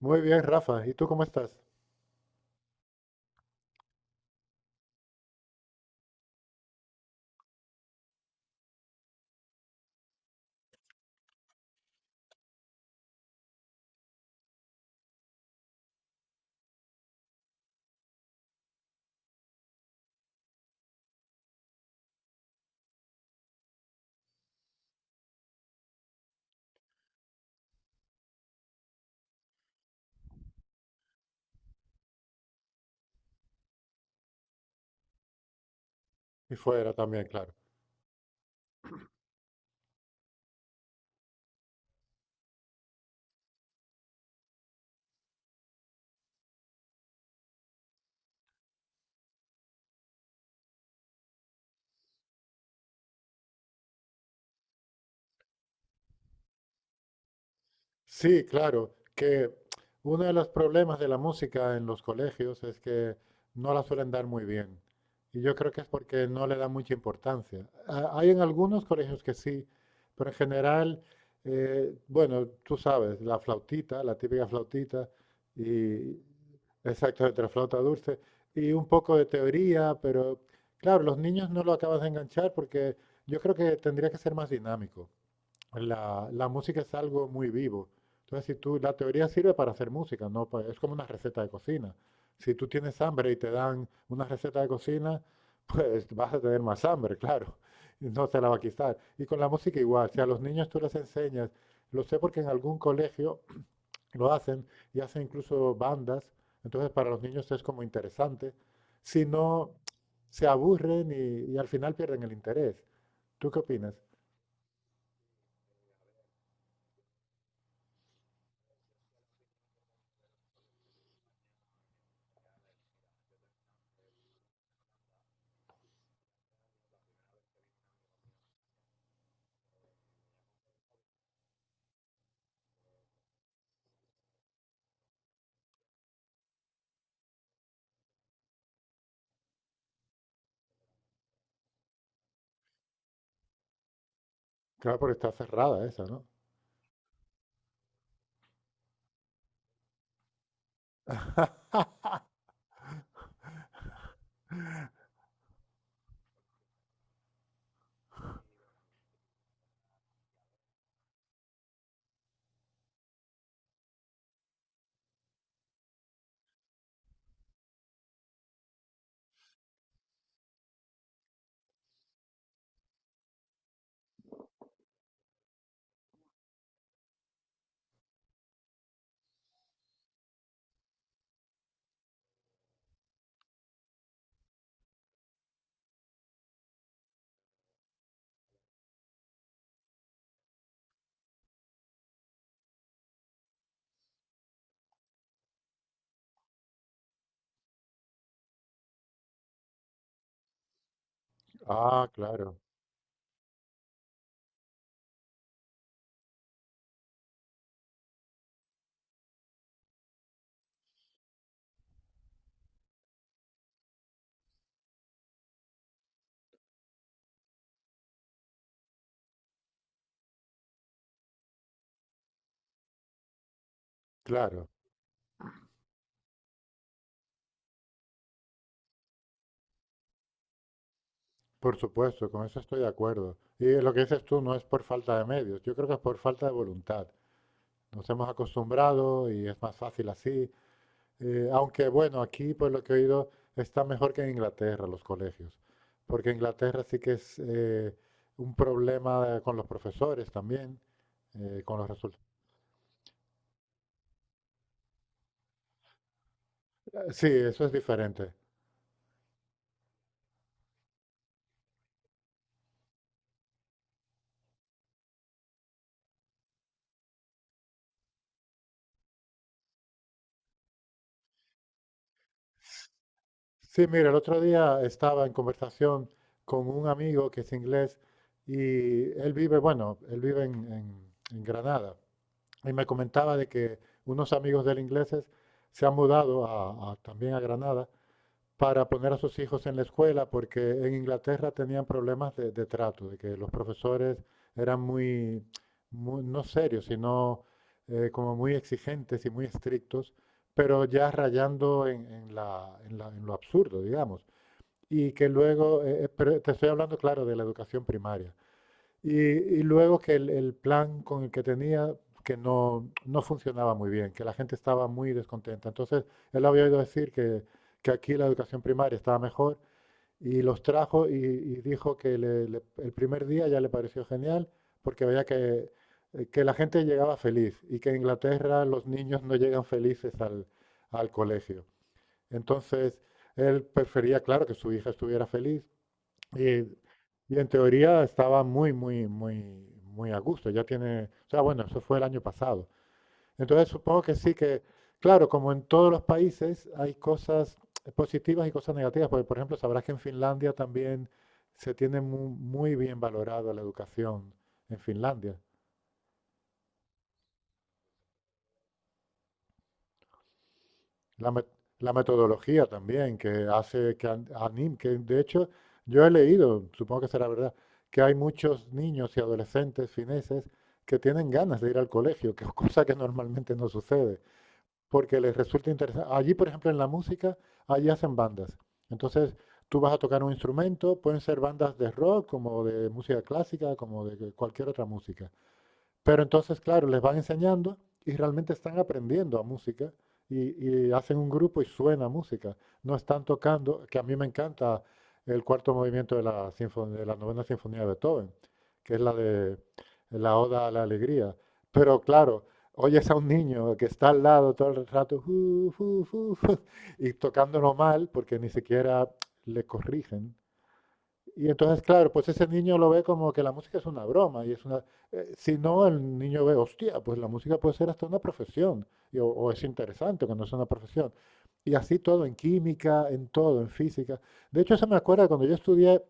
Muy bien, Rafa. ¿Y tú cómo estás? Y fuera también, claro. Sí, claro, que uno de los problemas de la música en los colegios es que no la suelen dar muy bien. Y yo creo que es porque no le dan mucha importancia. Hay en algunos colegios que sí, pero en general, bueno, tú sabes, la flautita, la típica flautita, y exacto, entre flauta dulce, y un poco de teoría, pero claro, los niños no lo acaban de enganchar porque yo creo que tendría que ser más dinámico. La música es algo muy vivo. Entonces, si tú, la teoría sirve para hacer música, no pa- es como una receta de cocina. Si tú tienes hambre y te dan una receta de cocina, pues vas a tener más hambre, claro. No se la va a quitar. Y con la música igual, si a los niños tú les enseñas, lo sé porque en algún colegio lo hacen y hacen incluso bandas, entonces para los niños es como interesante. Si no, se aburren y al final pierden el interés. ¿Tú qué opinas? Claro, porque está cerrada esa, ¿no? Ah, claro, claro, por supuesto, con eso estoy de acuerdo. Y lo que dices tú no es por falta de medios, yo creo que es por falta de voluntad. Nos hemos acostumbrado y es más fácil así. Aunque bueno, aquí por lo que he oído está mejor que en Inglaterra los colegios, porque Inglaterra sí que es un problema con los profesores también, con los resultados. Sí, eso es diferente. Sí, mira, el otro día estaba en conversación con un amigo que es inglés y él vive, bueno, él vive en Granada y me comentaba de que unos amigos de él ingleses se han mudado también a Granada para poner a sus hijos en la escuela, porque en Inglaterra tenían problemas de trato, de que los profesores eran muy, no serios, sino como muy exigentes y muy estrictos, pero ya rayando en lo absurdo, digamos. Y que luego, pero te estoy hablando, claro, de la educación primaria. Y luego que el plan con el que tenía, que no, no funcionaba muy bien, que la gente estaba muy descontenta. Entonces, él había oído decir que aquí la educación primaria estaba mejor y los trajo y dijo que el primer día ya le pareció genial porque veía que la gente llegaba feliz y que en Inglaterra los niños no llegan felices al, al colegio. Entonces, él prefería, claro, que su hija estuviera feliz y, y en teoría estaba muy, muy, muy, muy a gusto. Ya tiene, o sea, bueno, eso fue el año pasado. Entonces supongo que sí que, claro, como en todos los países hay cosas positivas y cosas negativas, porque por ejemplo sabrás que en Finlandia también se tiene muy, bien valorada la educación en Finlandia. La, met- la metodología también, que hace que que de hecho yo he leído, supongo que será verdad, que hay muchos niños y adolescentes fineses que tienen ganas de ir al colegio, que es cosa que normalmente no sucede, porque les resulta interesante. Allí, por ejemplo, en la música, allí hacen bandas. Entonces, tú vas a tocar un instrumento, pueden ser bandas de rock, como de música clásica, como de cualquier otra música. Pero entonces, claro, les van enseñando y realmente están aprendiendo a música y hacen un grupo y suena música. No están tocando, que a mí me encanta el cuarto movimiento de de la novena sinfonía de Beethoven, que es la de la Oda a la Alegría. Pero claro, oyes a un niño que está al lado todo el rato "Fu, fu, fu, y tocándolo mal porque ni siquiera le corrigen. Y entonces, claro, pues ese niño lo ve como que la música es una broma y es una... si no, el niño ve, hostia, pues la música puede ser hasta una profesión, y o es interesante cuando es una profesión. Y así todo, en química, en todo, en física. De hecho, eso me acuerda cuando yo estudié,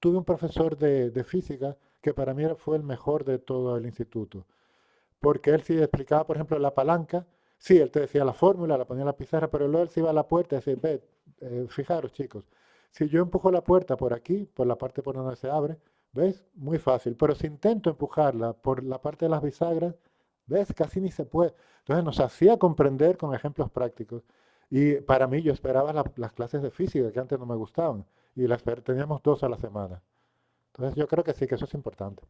tuve un profesor de física que para mí fue el mejor de todo el instituto. Porque él sí explicaba, por ejemplo, la palanca. Sí, él te decía la fórmula, la ponía en la pizarra, pero luego él se iba a la puerta y decía, ve, fijaros chicos, si yo empujo la puerta por aquí, por la parte por donde se abre, ¿ves? Muy fácil. Pero si intento empujarla por la parte de las bisagras, ¿ves? Casi ni se puede. Entonces nos hacía comprender con ejemplos prácticos. Y para mí yo esperaba las clases de física, que antes no me gustaban, y las teníamos dos a la semana. Entonces yo creo que sí, que eso es importante.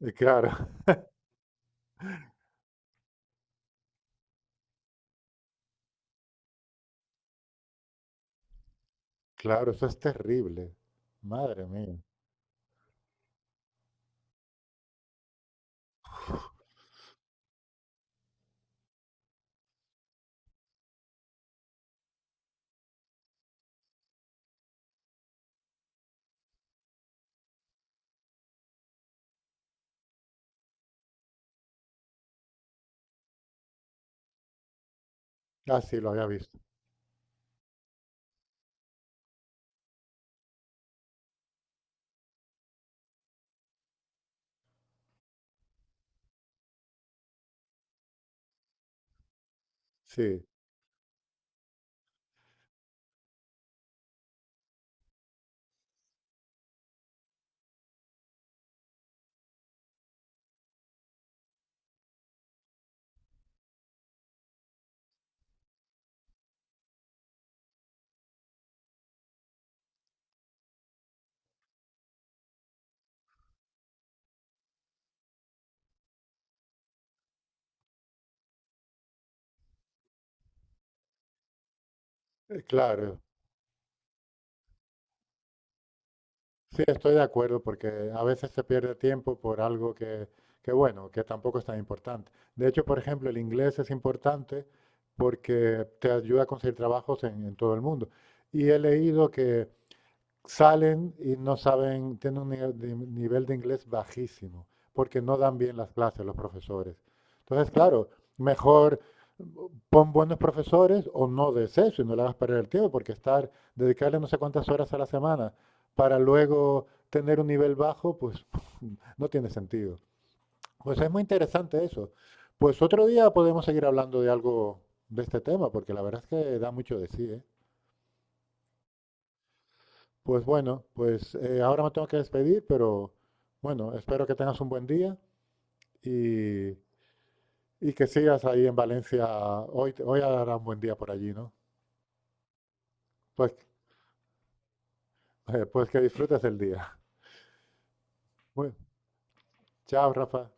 Y claro, claro, eso es terrible. Madre mía. Ah, sí, lo había visto. Sí, claro. Sí, estoy de acuerdo porque a veces se pierde tiempo por algo que, bueno, que tampoco es tan importante. De hecho, por ejemplo, el inglés es importante porque te ayuda a conseguir trabajos en todo el mundo. Y he leído que salen y no saben, tienen un nivel de inglés bajísimo, porque no dan bien las clases los profesores. Entonces, claro, mejor pon buenos profesores o no des eso y no le hagas perder el tiempo, porque estar, dedicarle no sé cuántas horas a la semana para luego tener un nivel bajo, pues no tiene sentido. Pues es muy interesante eso. Pues otro día podemos seguir hablando de algo de este tema, porque la verdad es que da mucho de sí, ¿eh? Pues bueno, pues ahora me tengo que despedir, pero bueno, espero que tengas un buen día y, y que sigas ahí en Valencia. Hoy, hoy hará un buen día por allí, ¿no? Pues, pues que disfrutes el día. Bueno, chao, Rafa.